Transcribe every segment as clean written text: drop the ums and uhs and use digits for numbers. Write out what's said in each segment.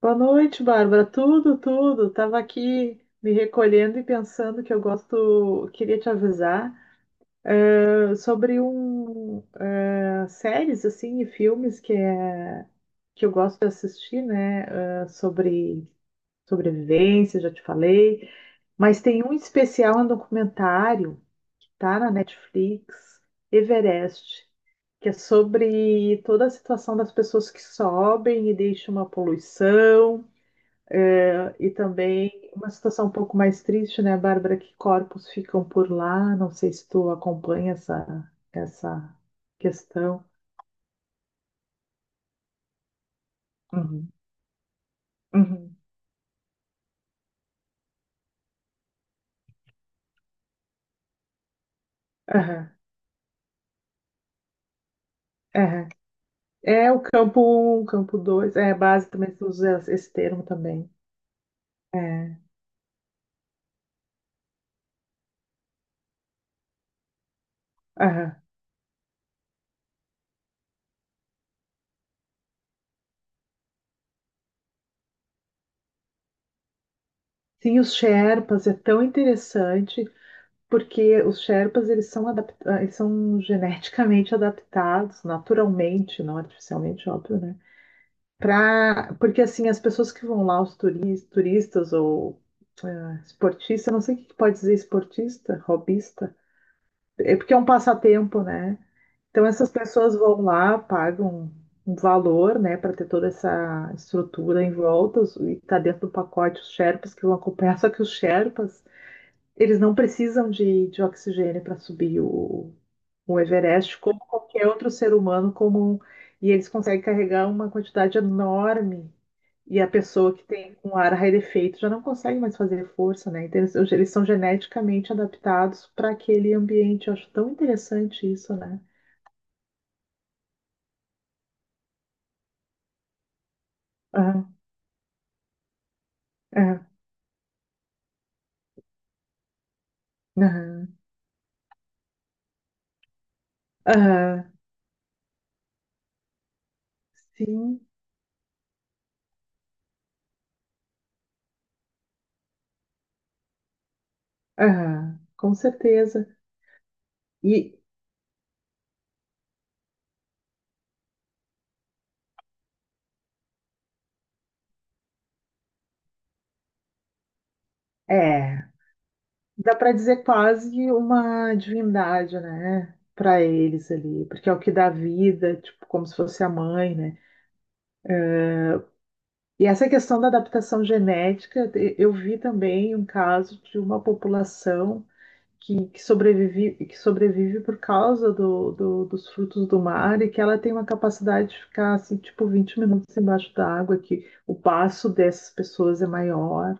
Boa noite, Bárbara. Tudo, tudo. Tava aqui me recolhendo e pensando que eu gosto, queria te avisar sobre um séries assim e filmes que é que eu gosto de assistir, né? Sobre sobrevivência, já te falei. Mas tem um especial, um documentário, tá na Netflix, Everest, que é sobre toda a situação das pessoas que sobem e deixam uma poluição. E também uma situação um pouco mais triste, né, Bárbara, que corpos ficam por lá. Não sei se tu acompanha essa questão. Uhum. Uhum. Aham, aham. É o campo um, campo dois. É, base também se usa esse termo também. É. Aham. Sim, os Sherpas é tão interessante porque os Sherpas eles são geneticamente adaptados, naturalmente, não artificialmente, óbvio, né? Pra, porque assim, as pessoas que vão lá, os turistas ou esportista, não sei o que que pode dizer esportista, hobbyista, é porque é um passatempo, né? Então essas pessoas vão lá, pagam um valor, né, para ter toda essa estrutura em volta os- e tá dentro do pacote os Sherpas que vão acompanhar, só que os Sherpas eles não precisam de oxigênio para subir o Everest, como qualquer outro ser humano comum. E eles conseguem carregar uma quantidade enorme. E a pessoa que tem um ar rarefeito já não consegue mais fazer força, né? Então, eles são geneticamente adaptados para aquele ambiente. Eu acho tão interessante isso, né? Aham, aham, aham, aham. Sim, aham, com certeza. E é. Dá para dizer quase uma divindade, né? Para eles ali, porque é o que dá vida, tipo, como se fosse a mãe, né? E essa questão da adaptação genética, eu vi também um caso de uma população que sobrevive por causa dos frutos do mar e que ela tem uma capacidade de ficar, assim, tipo, 20 minutos embaixo da água, que o passo dessas pessoas é maior,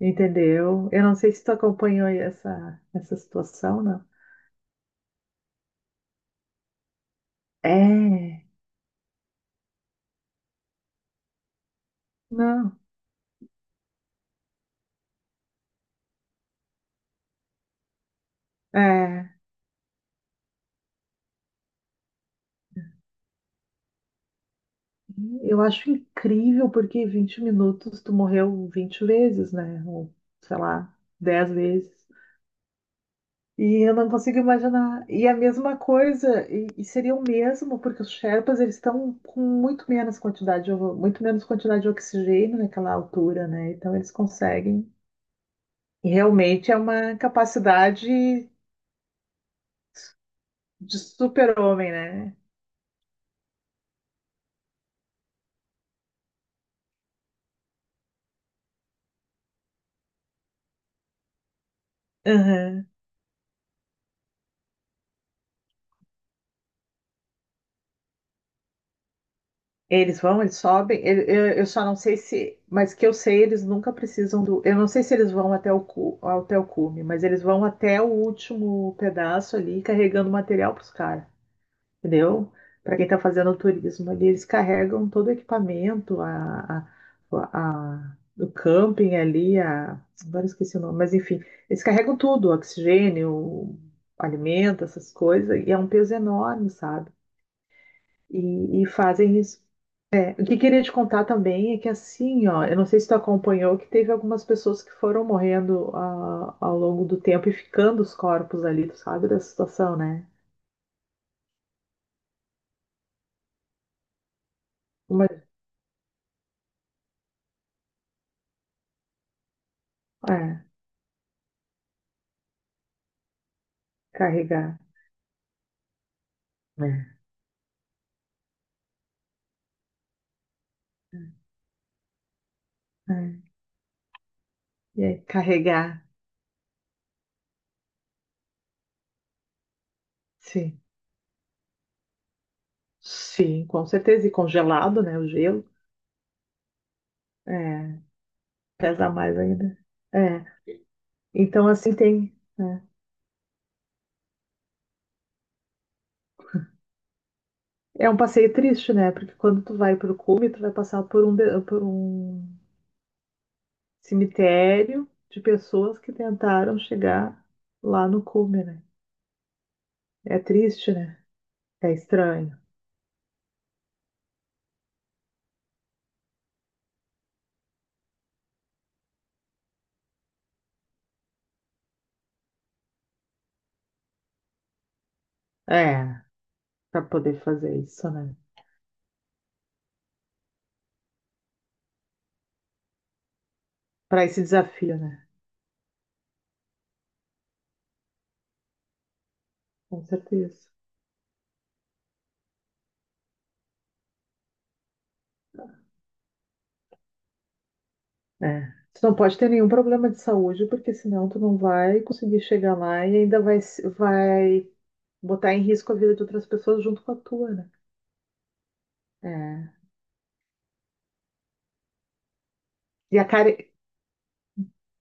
entendeu? Eu não sei se tu acompanhou aí essa situação. É, não, é. Eu acho incrível porque 20 minutos tu morreu 20 vezes, né? Ou, sei lá, 10 vezes. E eu não consigo imaginar. E a mesma coisa, e seria o mesmo, porque os Sherpas eles estão com muito menos quantidade de oxigênio naquela altura, né? Então eles conseguem. E realmente é uma capacidade de super-homem, né? Eles vão, eles sobem. Eu só não sei se, mas que eu sei, eles nunca precisam do. Eu não sei se eles vão até até o cume, mas eles vão até o último pedaço ali, carregando material para os caras, entendeu? Para quem está fazendo turismo ali, eles carregam todo o equipamento, a, o camping ali, a, agora eu esqueci o nome, mas enfim, eles carregam tudo, oxigênio, alimento, essas coisas, e é um peso enorme, sabe? E fazem isso. É, o que queria te contar também é que assim, ó, eu não sei se tu acompanhou que teve algumas pessoas que foram morrendo ao longo do tempo e ficando os corpos ali, tu sabe da situação, né? Uma, é, carregar, né? É, e aí, carregar, sim. Sim, com certeza. E congelado, né? O gelo. É, pesa mais ainda. É. Então, assim, tem. É, é um passeio triste, né? Porque quando tu vai pro cume, tu vai passar por por um cemitério de pessoas que tentaram chegar lá no cume, né? É triste, né? É estranho. É, para poder fazer isso, né? Para esse desafio, né? Com certeza. É. Tu não pode ter nenhum problema de saúde, porque senão tu não vai conseguir chegar lá e ainda vai, vai botar em risco a vida de outras pessoas junto com a tua, né? É. E a cara,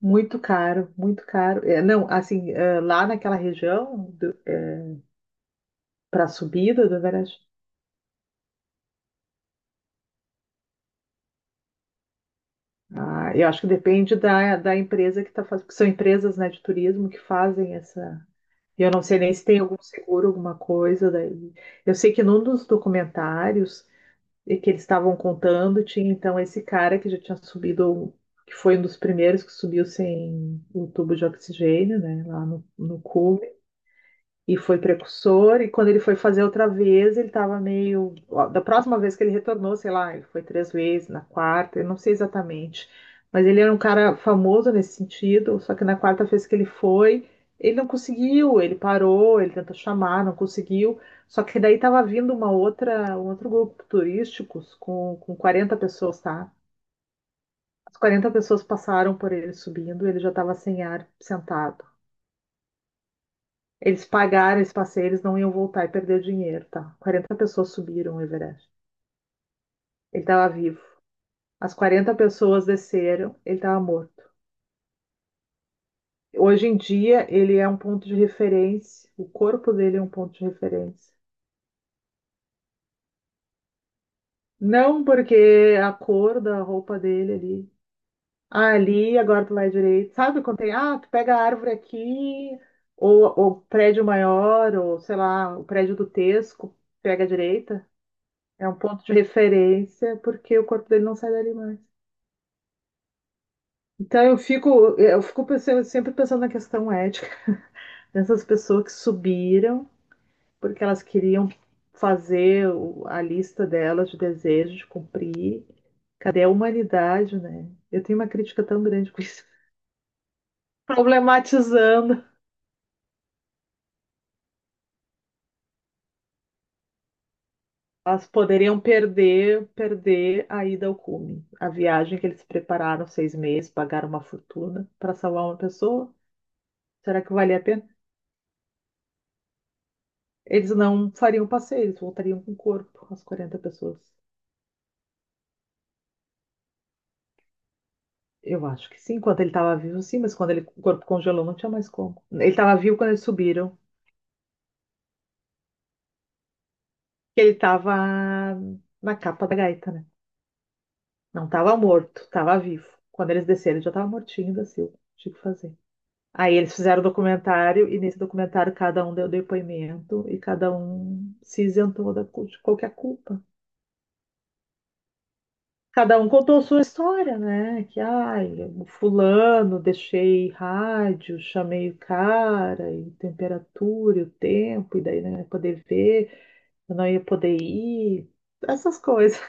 muito caro, muito caro. É, não, assim, é, lá naquela região, do, para a subida do Everest. Ah, eu acho que depende da empresa que está fazendo, porque são empresas, né, de turismo que fazem essa. E eu não sei nem se tem algum seguro, alguma coisa daí. Eu sei que num dos documentários que eles estavam contando, tinha então esse cara que já tinha subido, que foi um dos primeiros que subiu sem o tubo de oxigênio, né, lá no. E foi precursor. E quando ele foi fazer outra vez, ele estava meio. Ó, da próxima vez que ele retornou, sei lá, ele foi 3 vezes, na quarta, eu não sei exatamente. Mas ele era um cara famoso nesse sentido, só que na quarta vez que ele foi, ele não conseguiu, ele parou, ele tentou chamar, não conseguiu. Só que daí estava vindo uma outra, um outro grupo turístico com 40 pessoas, tá? As 40 pessoas passaram por ele subindo, ele já estava sem ar, sentado. Eles pagaram esse passeio, eles não iam voltar e perder o dinheiro, tá? 40 pessoas subiram o Everest. Ele estava vivo. As 40 pessoas desceram, ele estava morto. Hoje em dia, ele é um ponto de referência, o corpo dele é um ponto de referência. Não, porque a cor da roupa dele ali. Ah, ali, agora do lado direito. Sabe quando tem, tu pega a árvore aqui, ou o prédio maior, ou sei lá, o prédio do Tesco, pega a direita. É um ponto de referência porque o corpo dele não sai dali mais. Então sempre pensando na questão ética dessas pessoas que subiram porque elas queriam a lista delas de desejos de cumprir. Cadê a humanidade, né? Eu tenho uma crítica tão grande com isso. Problematizando. Elas poderiam perder a ida ao cume. A viagem que eles prepararam 6 meses, pagaram uma fortuna para salvar uma pessoa. Será que valia a pena? Eles não fariam passeio, eles voltariam com o corpo, as 40 pessoas. Eu acho que sim, enquanto ele estava vivo, sim, mas quando ele, o corpo congelou, não tinha mais como. Ele estava vivo quando eles subiram, que ele estava na capa da gaita, né? Não estava morto, estava vivo. Quando eles desceram, ele já estava mortinho da Silva. Tinha que fazer. Aí eles fizeram o documentário, e nesse documentário cada um deu depoimento, e cada um se isentou de qualquer culpa. Cada um contou sua história, né? Que, ai, o fulano, deixei rádio, chamei o cara, e temperatura, e o tempo, e daí não ia poder ver, eu não ia poder ir, essas coisas.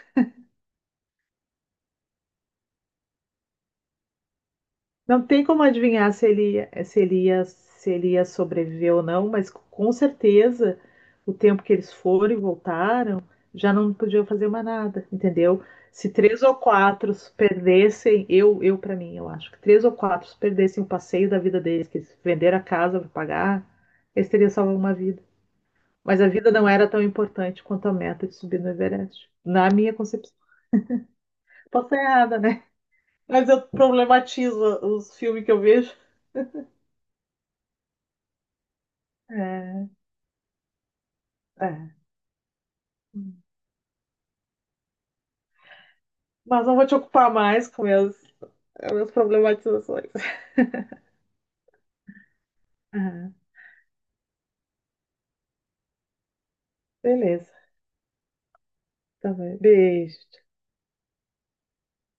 Não tem como adivinhar se ele ia sobreviver ou não, mas com certeza o tempo que eles foram e voltaram, já não podiam fazer mais nada, entendeu? Se três ou quatro perdessem, eu para mim, eu acho que três ou quatro perdessem o passeio da vida deles, que eles venderam a casa para pagar, eles teriam salvo uma vida. Mas a vida não era tão importante quanto a meta de subir no Everest, na minha concepção. Posso estar errada, né? Mas eu problematizo os filmes que eu vejo. É. É. Hum. Mas não vou te ocupar mais com as minhas problematizações. Aham. Beleza. Tá bem. Beijo.